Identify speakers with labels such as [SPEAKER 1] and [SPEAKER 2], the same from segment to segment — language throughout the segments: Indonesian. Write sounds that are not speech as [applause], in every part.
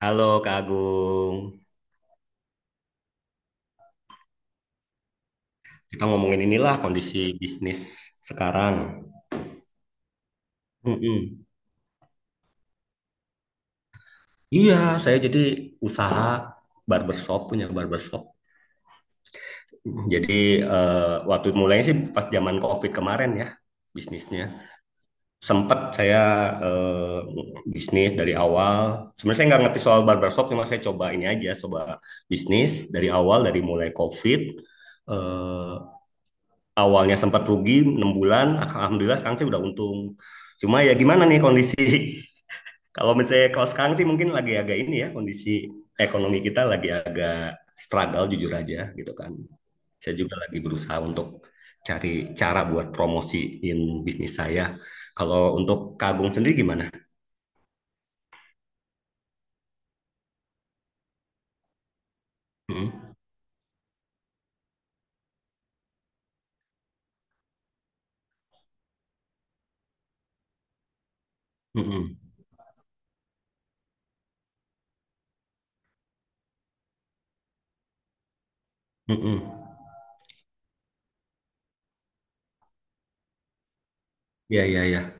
[SPEAKER 1] Halo Kak Agung, kita ngomongin inilah kondisi bisnis sekarang. Mm-mm. Iya, saya jadi usaha barbershop, punya barbershop. Jadi eh, waktu mulainya sih pas zaman COVID kemarin ya bisnisnya. Sempet saya eh, bisnis dari awal. Sebenarnya saya nggak ngerti soal barbershop, cuma saya coba ini aja, coba bisnis dari awal dari mulai COVID. eh, Awalnya sempat rugi 6 bulan, alhamdulillah sekarang sih udah untung. Cuma ya gimana nih kondisi [laughs] kalau misalnya kalau sekarang sih mungkin lagi agak ini ya kondisi ekonomi kita lagi agak struggle jujur aja gitu kan. Saya juga lagi berusaha untuk cari cara buat promosiin bisnis saya. Kalau untuk Kagung sendiri gimana? Mm-mm. Mm-mm. Mm-mm. Ya ya ya.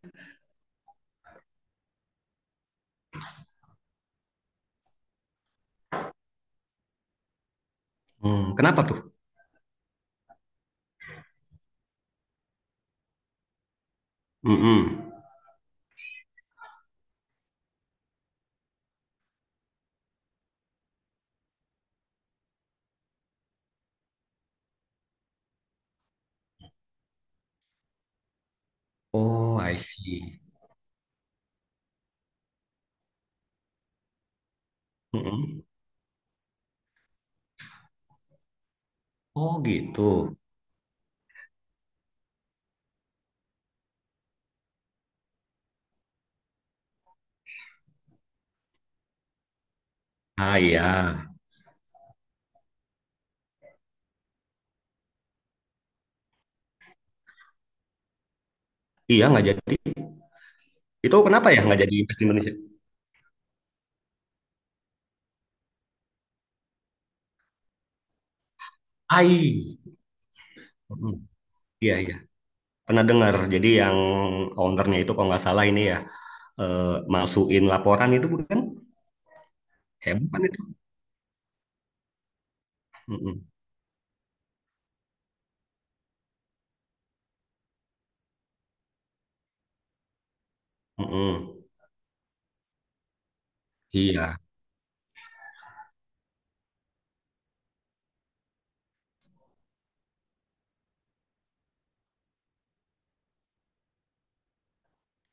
[SPEAKER 1] Hmm, kenapa tuh? Mm-mm. Oh, I see. Mm-mm. Oh gitu. Ah iya. Iya, nggak jadi. Itu kenapa ya nggak jadi Best Indonesia? AI. Mm, iya, iya. Pernah dengar. Jadi yang ownernya itu kalau nggak salah ini ya, eh, masukin laporan itu bukan? Heboh kan itu? Mm-mm, mm-mm. Iya.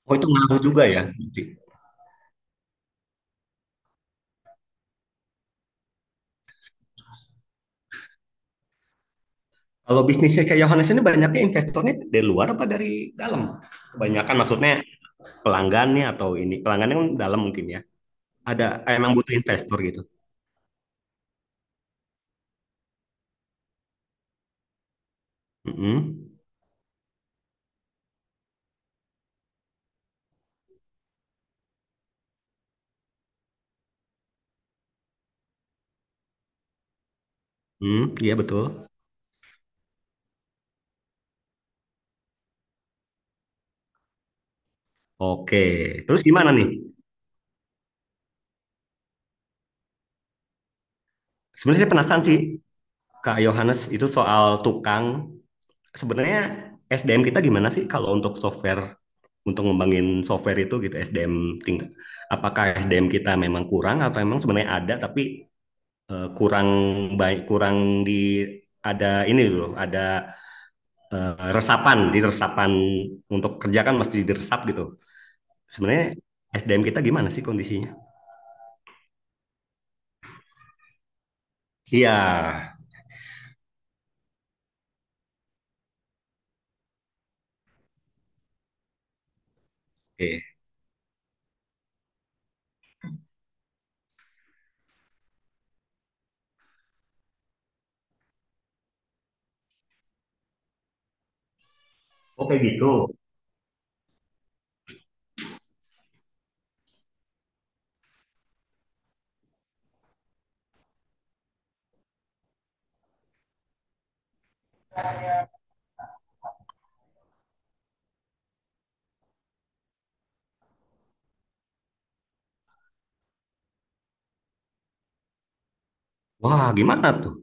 [SPEAKER 1] Oh, itu ngaruh juga ya. Berarti. Kalau bisnisnya kayak Yohanes ini banyaknya investornya dari luar apa dari dalam? Kebanyakan maksudnya pelanggannya atau ini. Pelanggannya kan dalam mungkin ya. Ada emang butuh investor gitu. Mm-mm. Mm, iya betul. Oke, terus gimana nih? Sebenarnya saya penasaran sih Kak Yohanes itu soal tukang. Sebenarnya SDM kita gimana sih kalau untuk software untuk ngembangin software itu gitu SDM tingkat apakah SDM kita memang kurang atau memang sebenarnya ada tapi kurang baik kurang di ada ini loh ada resapan di resapan untuk kerja kan mesti diresap gitu. Sebenarnya SDM kita gimana sih kondisinya? Iya, oke. Oke gitu. Wah, gimana tuh?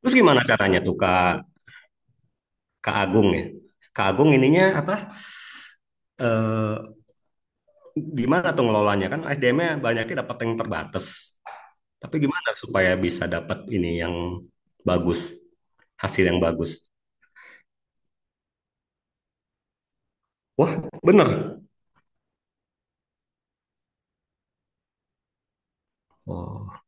[SPEAKER 1] Terus gimana caranya tuh Kak Kak Agung ya. Kak Agung ininya apa? Eh, gimana tuh ngelolanya kan SDM-nya banyaknya dapat yang terbatas. Tapi gimana supaya bisa dapat ini yang bagus, hasil yang bagus? Wah, bener. Oh,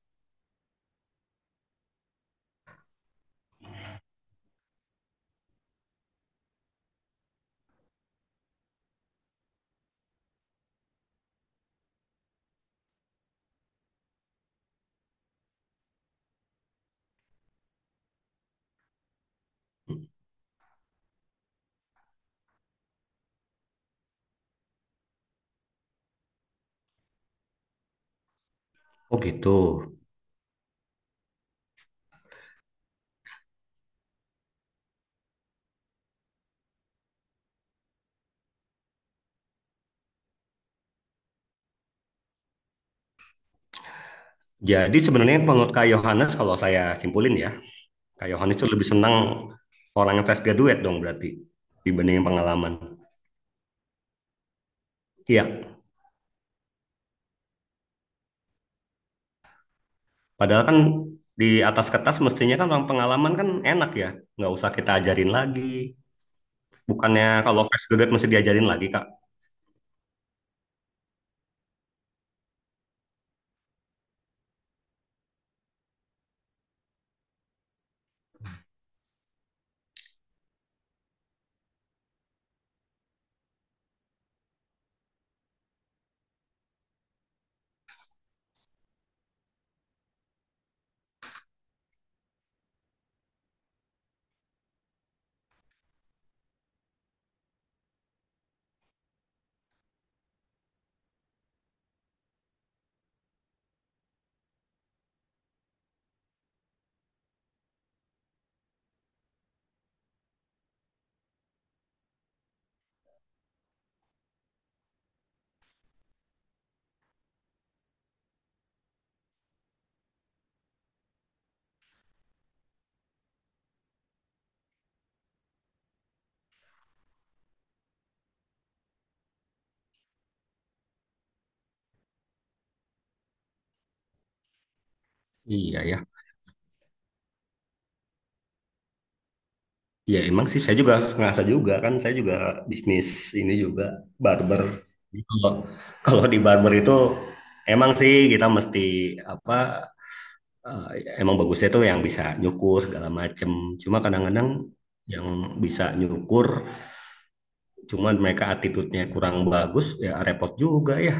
[SPEAKER 1] oh gitu. Jadi sebenarnya menurut Kak Yohanes kalau saya simpulin ya, Kak Yohanes itu lebih senang orang yang fresh graduate dong berarti dibandingin pengalaman. Iya, padahal kan di atas kertas mestinya kan orang pengalaman kan enak ya. Nggak usah kita ajarin lagi. Bukannya kalau fresh graduate mesti diajarin lagi, Kak. Iya ya. Iya emang sih saya juga ngerasa juga kan. Saya juga bisnis ini juga barber. Jadi Kalau kalau di barber itu emang sih kita mesti apa eh, emang bagusnya tuh yang bisa nyukur segala macem. Cuma kadang-kadang yang bisa nyukur cuman mereka attitude-nya kurang bagus ya repot juga ya.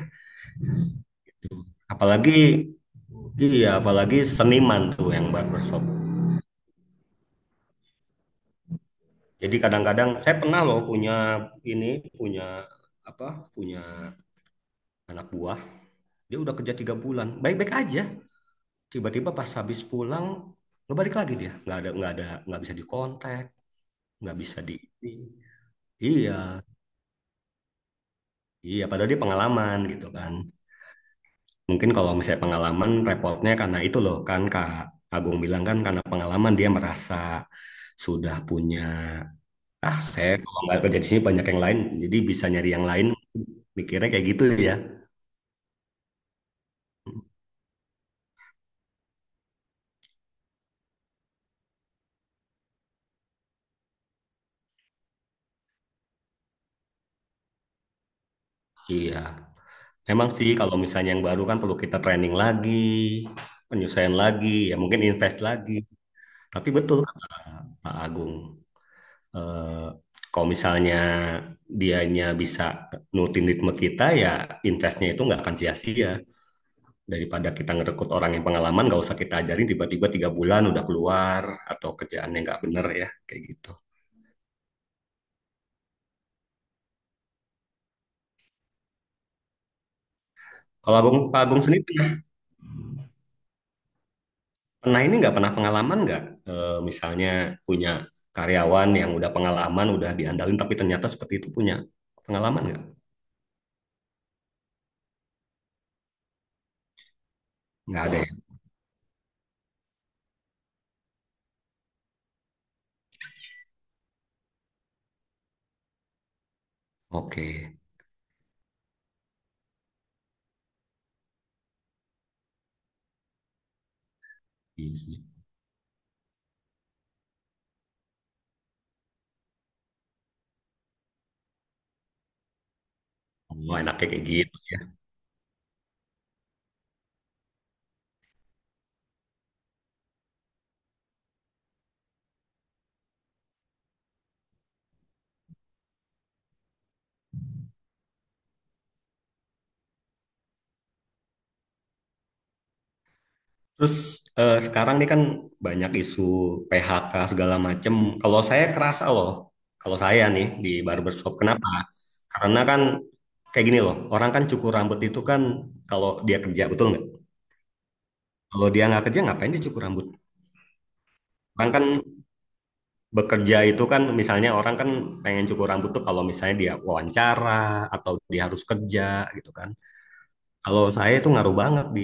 [SPEAKER 1] Apalagi iya, apalagi seniman tuh yang barbershop. Jadi kadang-kadang saya pernah loh punya ini, punya apa? Punya anak buah. Dia udah kerja 3 bulan, baik-baik aja. Tiba-tiba pas habis pulang, ngebalik lagi dia. Nggak ada, nggak ada, nggak bisa dikontak, nggak bisa di. Iya, iya. Padahal dia pengalaman gitu kan. Mungkin kalau misalnya pengalaman, repotnya karena itu loh kan Kak Agung bilang kan karena pengalaman dia merasa sudah punya. Ah, saya kalau nggak kerja di sini banyak yang lain, jadi bisa nyari yang lain. Mikirnya kayak gitu ya. Iya. Emang sih kalau misalnya yang baru kan perlu kita training lagi, penyesuaian lagi, ya mungkin invest lagi. Tapi betul kata Pak Agung, eh, kalau misalnya dianya bisa nurutin ritme kita, ya investnya itu nggak akan sia-sia. Daripada kita ngerekrut orang yang pengalaman, nggak usah kita ajarin tiba-tiba 3 bulan udah keluar atau kerjaannya nggak bener ya, kayak gitu. Kalau Abang, Pak Abang sendiri pernah, pernah ini nggak pernah pengalaman nggak? Misalnya punya karyawan yang udah pengalaman, udah diandalin, tapi ternyata seperti itu punya pengalaman nggak? Nggak ada ya? Oke, iya sih. Oh, enaknya kayak gitu ya. Terus sekarang nih kan banyak isu PHK segala macem. Kalau saya kerasa loh, kalau saya nih di barbershop, kenapa? Karena kan kayak gini loh, orang kan cukur rambut itu kan kalau dia kerja, betul nggak? Kalau dia nggak kerja, ngapain dia cukur rambut? Orang kan bekerja itu kan misalnya orang kan pengen cukur rambut tuh kalau misalnya dia wawancara atau dia harus kerja gitu kan. Kalau saya itu ngaruh banget di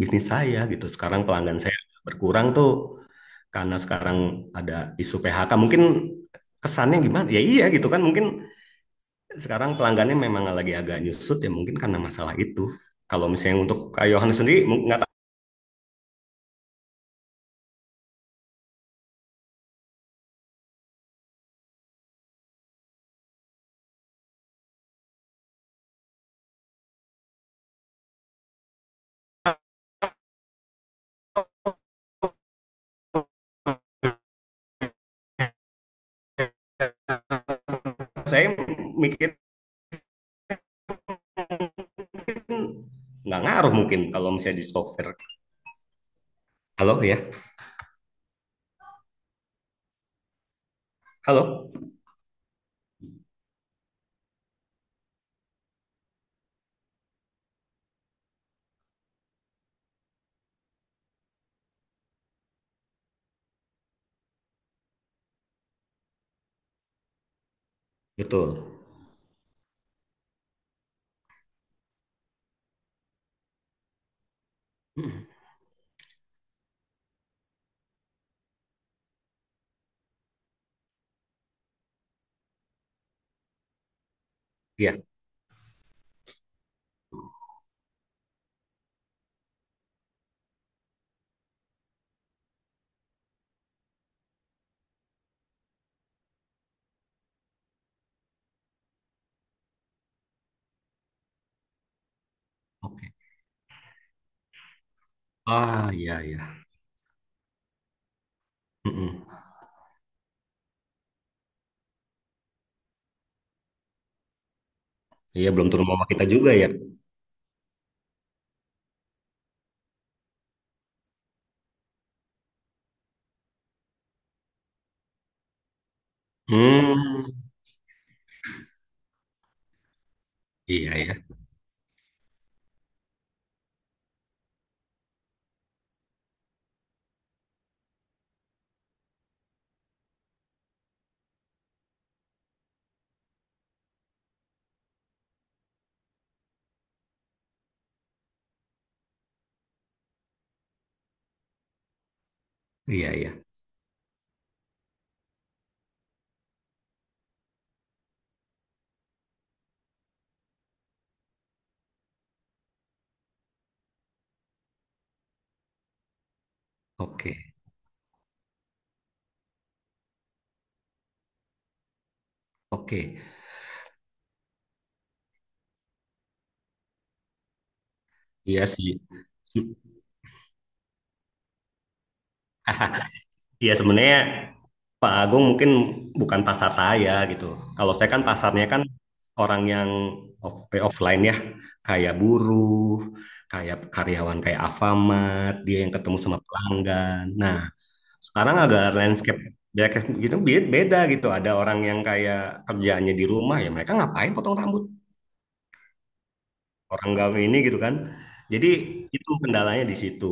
[SPEAKER 1] bisnis saya gitu. Sekarang pelanggan saya berkurang tuh karena sekarang ada isu PHK. Mungkin kesannya gimana? Ya iya gitu kan. Mungkin sekarang pelanggannya memang lagi agak nyusut ya mungkin karena masalah itu. Kalau misalnya untuk Kak Yohanes sendiri nggak tahu saya mikir kan nggak ngaruh mungkin kalau misalnya di software. Halo ya, halo, betul. Mm, iya, oke. Ah, iya ya. Mm-mm. Iya belum turun mama kita juga ya. Hmm, iya ya, iya ya. Oke, oke. Iya sih. Iya sebenarnya Pak Agung mungkin bukan pasar saya gitu. Kalau saya kan pasarnya kan orang yang offline ya, kayak buruh, kayak karyawan kayak Alfamart, dia yang ketemu sama pelanggan. Nah, sekarang agak landscape ya kayak gitu beda gitu. Ada orang yang kayak kerjaannya di rumah ya mereka ngapain potong rambut orang nggak ini gitu kan. Jadi itu kendalanya di situ.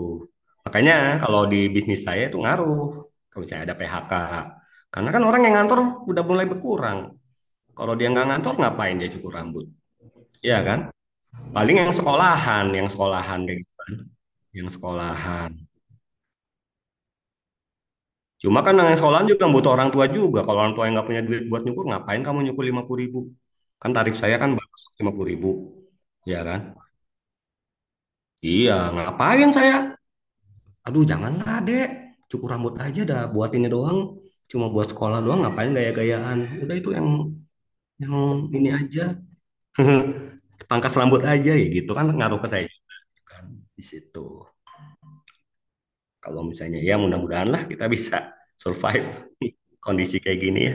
[SPEAKER 1] Makanya kalau di bisnis saya itu ngaruh. Kalau misalnya ada PHK, karena kan orang yang ngantor udah mulai berkurang. Kalau dia nggak ngantor ngapain dia cukur rambut? Ya kan? Paling yang sekolahan kayak gitu kan. Yang sekolahan. Cuma kan yang sekolahan juga butuh orang tua juga. Kalau orang tua yang nggak punya duit buat nyukur, ngapain kamu nyukur 50 ribu? Kan tarif saya kan baru 50 ribu. Ya kan? Iya, ngapain saya? Aduh, janganlah, Dek. Cukur rambut aja dah, buat ini doang. Cuma buat sekolah doang, ngapain gaya-gayaan? Udah itu yang ini aja. [laughs] Pangkas rambut aja ya gitu kan ngaruh ke saya juga kan di situ. Kalau misalnya ya mudah-mudahan lah kita bisa survive [laughs] kondisi kayak gini ya.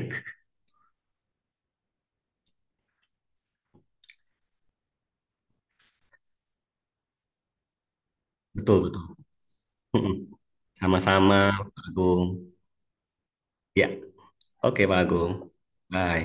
[SPEAKER 1] Betul, betul. [laughs] Sama-sama, Pak Agung. Ya, oke Pak Agung. Bye.